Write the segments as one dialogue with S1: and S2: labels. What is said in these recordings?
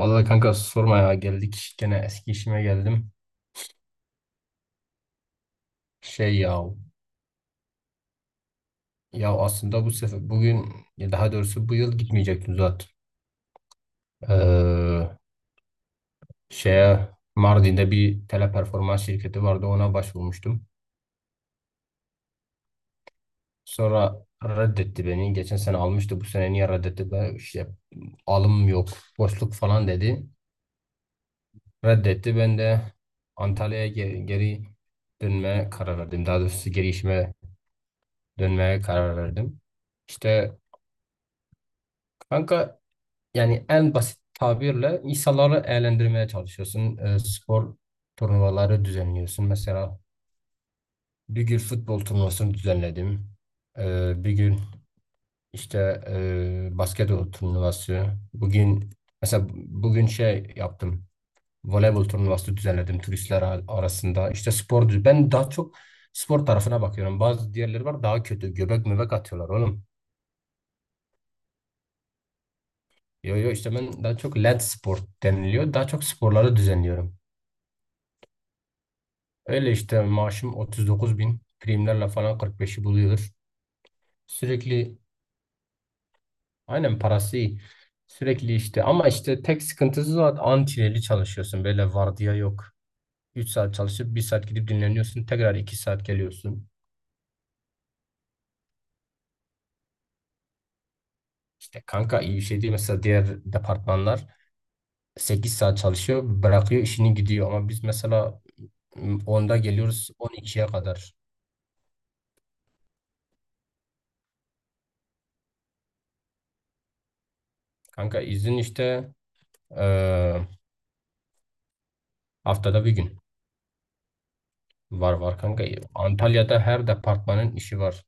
S1: Vallahi kanka sorma ya, geldik gene, eski işime geldim. Şey ya aslında bu sefer bugün, ya daha doğrusu bu yıl gitmeyecektim zaten. Ee, şeye Mardin'de bir teleperformans şirketi vardı, ona başvurmuştum. Sonra reddetti beni. Geçen sene almıştı, bu sene niye reddetti? Ben işte, alım yok, boşluk falan dedi. Reddetti, ben de Antalya'ya geri dönmeye karar verdim. Daha doğrusu geri işime dönmeye karar verdim. İşte kanka, yani en basit tabirle insanları eğlendirmeye çalışıyorsun. Spor turnuvaları düzenliyorsun. Mesela bir gün futbol turnuvasını düzenledim. Bir gün işte basketbol turnuvası. Bugün mesela bugün şey yaptım. Voleybol turnuvası düzenledim turistler arasında. İşte ben daha çok spor tarafına bakıyorum. Bazı diğerleri var daha kötü. Göbek möbek atıyorlar oğlum. Yo yo, işte ben daha çok, led spor deniliyor, daha çok sporları düzenliyorum. Öyle işte, maaşım 39 bin. Primlerle falan 45'i buluyor. Sürekli aynen parası iyi. Sürekli işte, ama işte tek sıkıntısı o antineli çalışıyorsun. Böyle vardiya yok. Üç saat çalışıp bir saat gidip dinleniyorsun. Tekrar 2 saat geliyorsun. İşte kanka, iyi bir şey değil. Mesela diğer departmanlar 8 saat çalışıyor. Bırakıyor işini, gidiyor. Ama biz mesela, 10'da geliyoruz on ikiye kadar. Kanka izin işte, eee, haftada bir gün. Var var kanka. Antalya'da her departmanın işi var.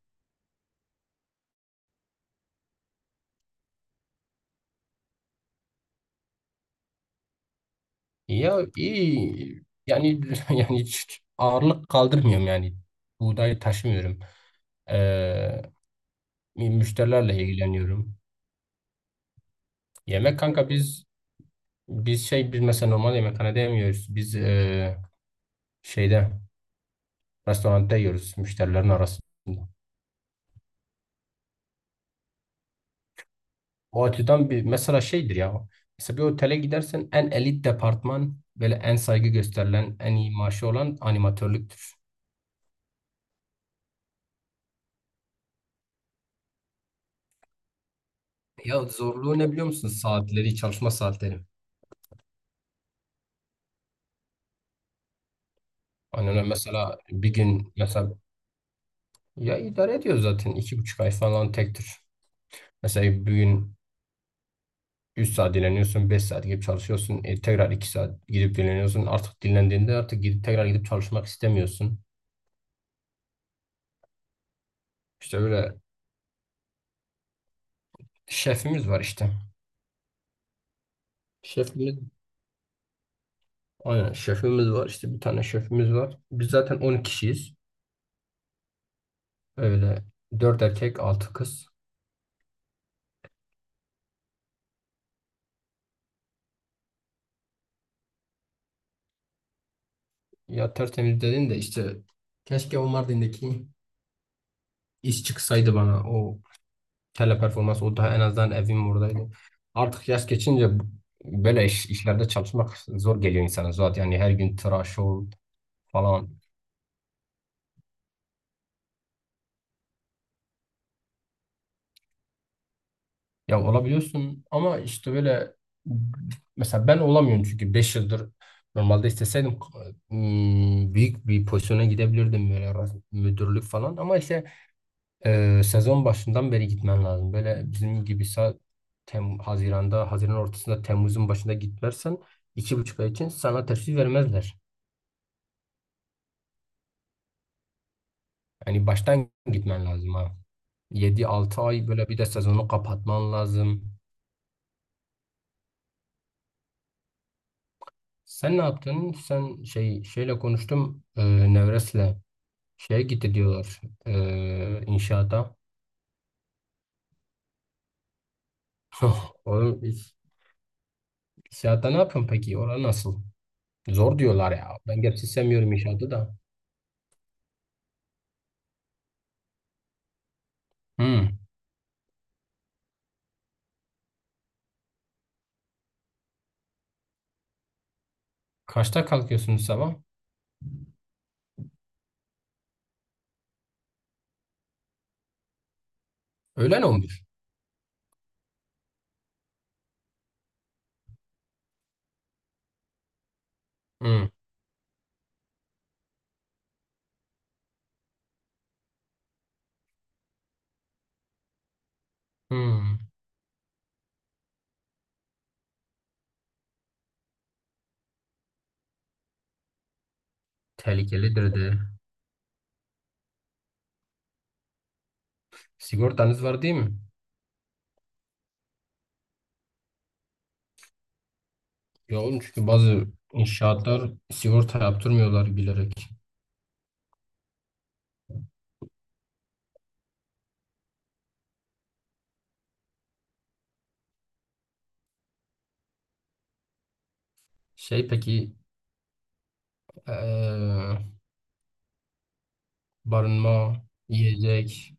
S1: Ya iyi yani yani hiç ağırlık kaldırmıyorum yani. Buğday taşımıyorum. Ee, Müşterilerle ilgileniyorum. Yemek kanka, biz mesela normal yemekhanede yemiyoruz. Biz şeyde restoranda yiyoruz müşterilerin arasında. O açıdan bir, mesela şeydir ya. Mesela bir otele gidersen en elit departman, böyle en saygı gösterilen, en iyi maaşı olan animatörlüktür. Ya zorluğu ne biliyor musun? Saatleri, çalışma saatleri. Hani öyle mesela bir gün mesela, ya idare ediyor zaten iki buçuk ay falan tek tür. Mesela bir gün 3 saat dinleniyorsun, 5 saat gidip çalışıyorsun. Tekrar 2 saat gidip dinleniyorsun. Artık dinlendiğinde artık gidip tekrar gidip çalışmak istemiyorsun. İşte öyle, şefimiz var işte. Şefimiz, aynen, şefimiz var işte, bir tane şefimiz var. Biz zaten 10 kişiyiz. Öyle, 4 erkek, 6 kız. Ya tertemiz dedin de, işte keşke o Mardin'deki iş çıksaydı bana, o teleperformans, o daha, en azından evim oradaydı. Artık yaş geçince böyle işlerde çalışmak zor geliyor insana zaten. Yani her gün tıraş ol falan. Ya olabiliyorsun ama işte böyle, mesela ben olamıyorum çünkü 5 yıldır, normalde isteseydim, büyük bir pozisyona gidebilirdim, böyle müdürlük falan, ama işte sezon başından beri gitmen lazım. Böyle bizim gibi sa- Tem Haziran'da, Haziran ortasında, Temmuz'un başında gitmezsen iki buçuk ay için sana teşvik vermezler. Yani baştan gitmen lazım ha. Yedi altı ay böyle, bir de sezonu kapatman lazım. Sen ne yaptın? Sen şey şeyle konuştum. Nevres'le şeye gitti diyorlar. İnşaata. Oğlum, inşaatta ne yapıyorsun peki? Orası nasıl? Zor diyorlar ya. Ben gerçi sevmiyorum inşaatı da. Hmm. Kaçta kalkıyorsunuz sabah? Öğlen 11. Hı. Hı. Tehlikelidir de. Sigortanız var değil mi? Ya oğlum, çünkü bazı inşaatlar sigorta yaptırmıyorlar bilerek. Şey peki, eee, barınma, yiyecek.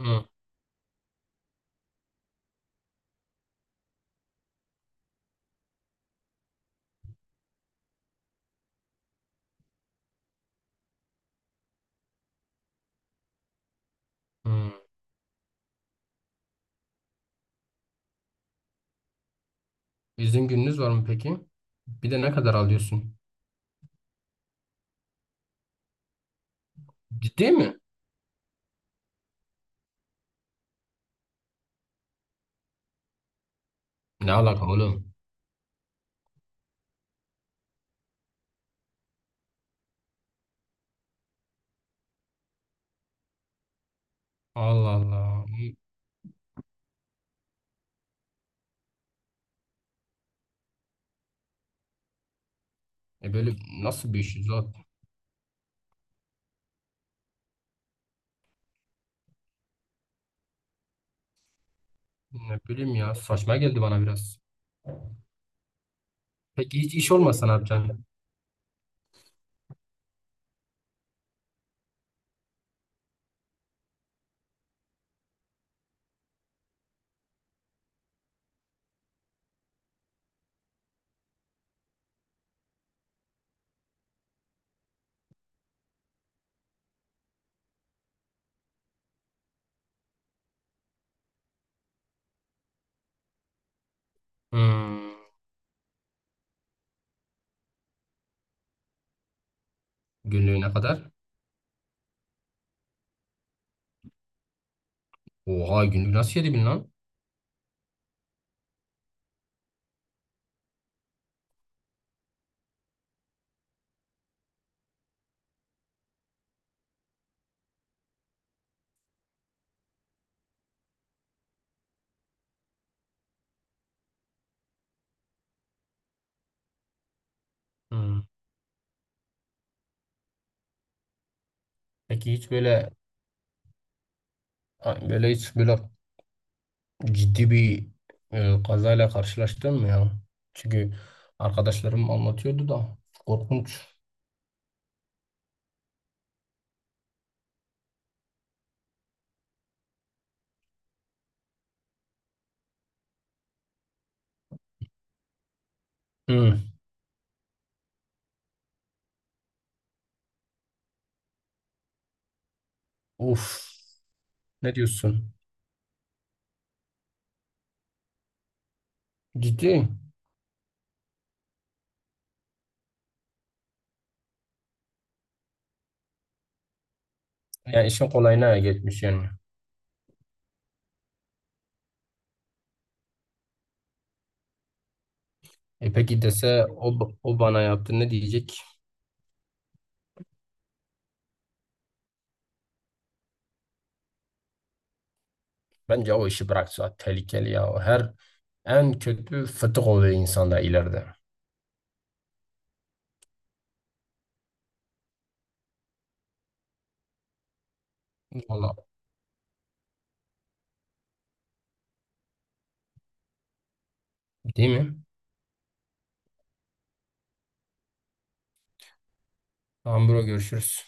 S1: Hı. Hı. İzin gününüz var mı peki? Bir de ne kadar alıyorsun? Ciddi mi? Ne alaka oğlum? Allah Allah. E böyle nasıl bir iş zaten? Ne bileyim ya, saçma geldi bana biraz. Peki hiç iş olmasa ne yapacaksın? Hmm. Günlüğüne kadar. Oha, günlük nasıl 7000 lan? Hmm. Peki hiç böyle ciddi bir, kazayla karşılaştın mı ya? Çünkü arkadaşlarım anlatıyordu da, korkunç. Hmm. Uf. Ne diyorsun? Ciddi. Yani işin kolayına geçmiş yani. E peki dese, o, o bana yaptı ne diyecek? Bence o işi bıraksa, tehlikeli ya. O her, en kötü fıtık oluyor insanda ileride. Valla değil mi? Tamam bro, görüşürüz.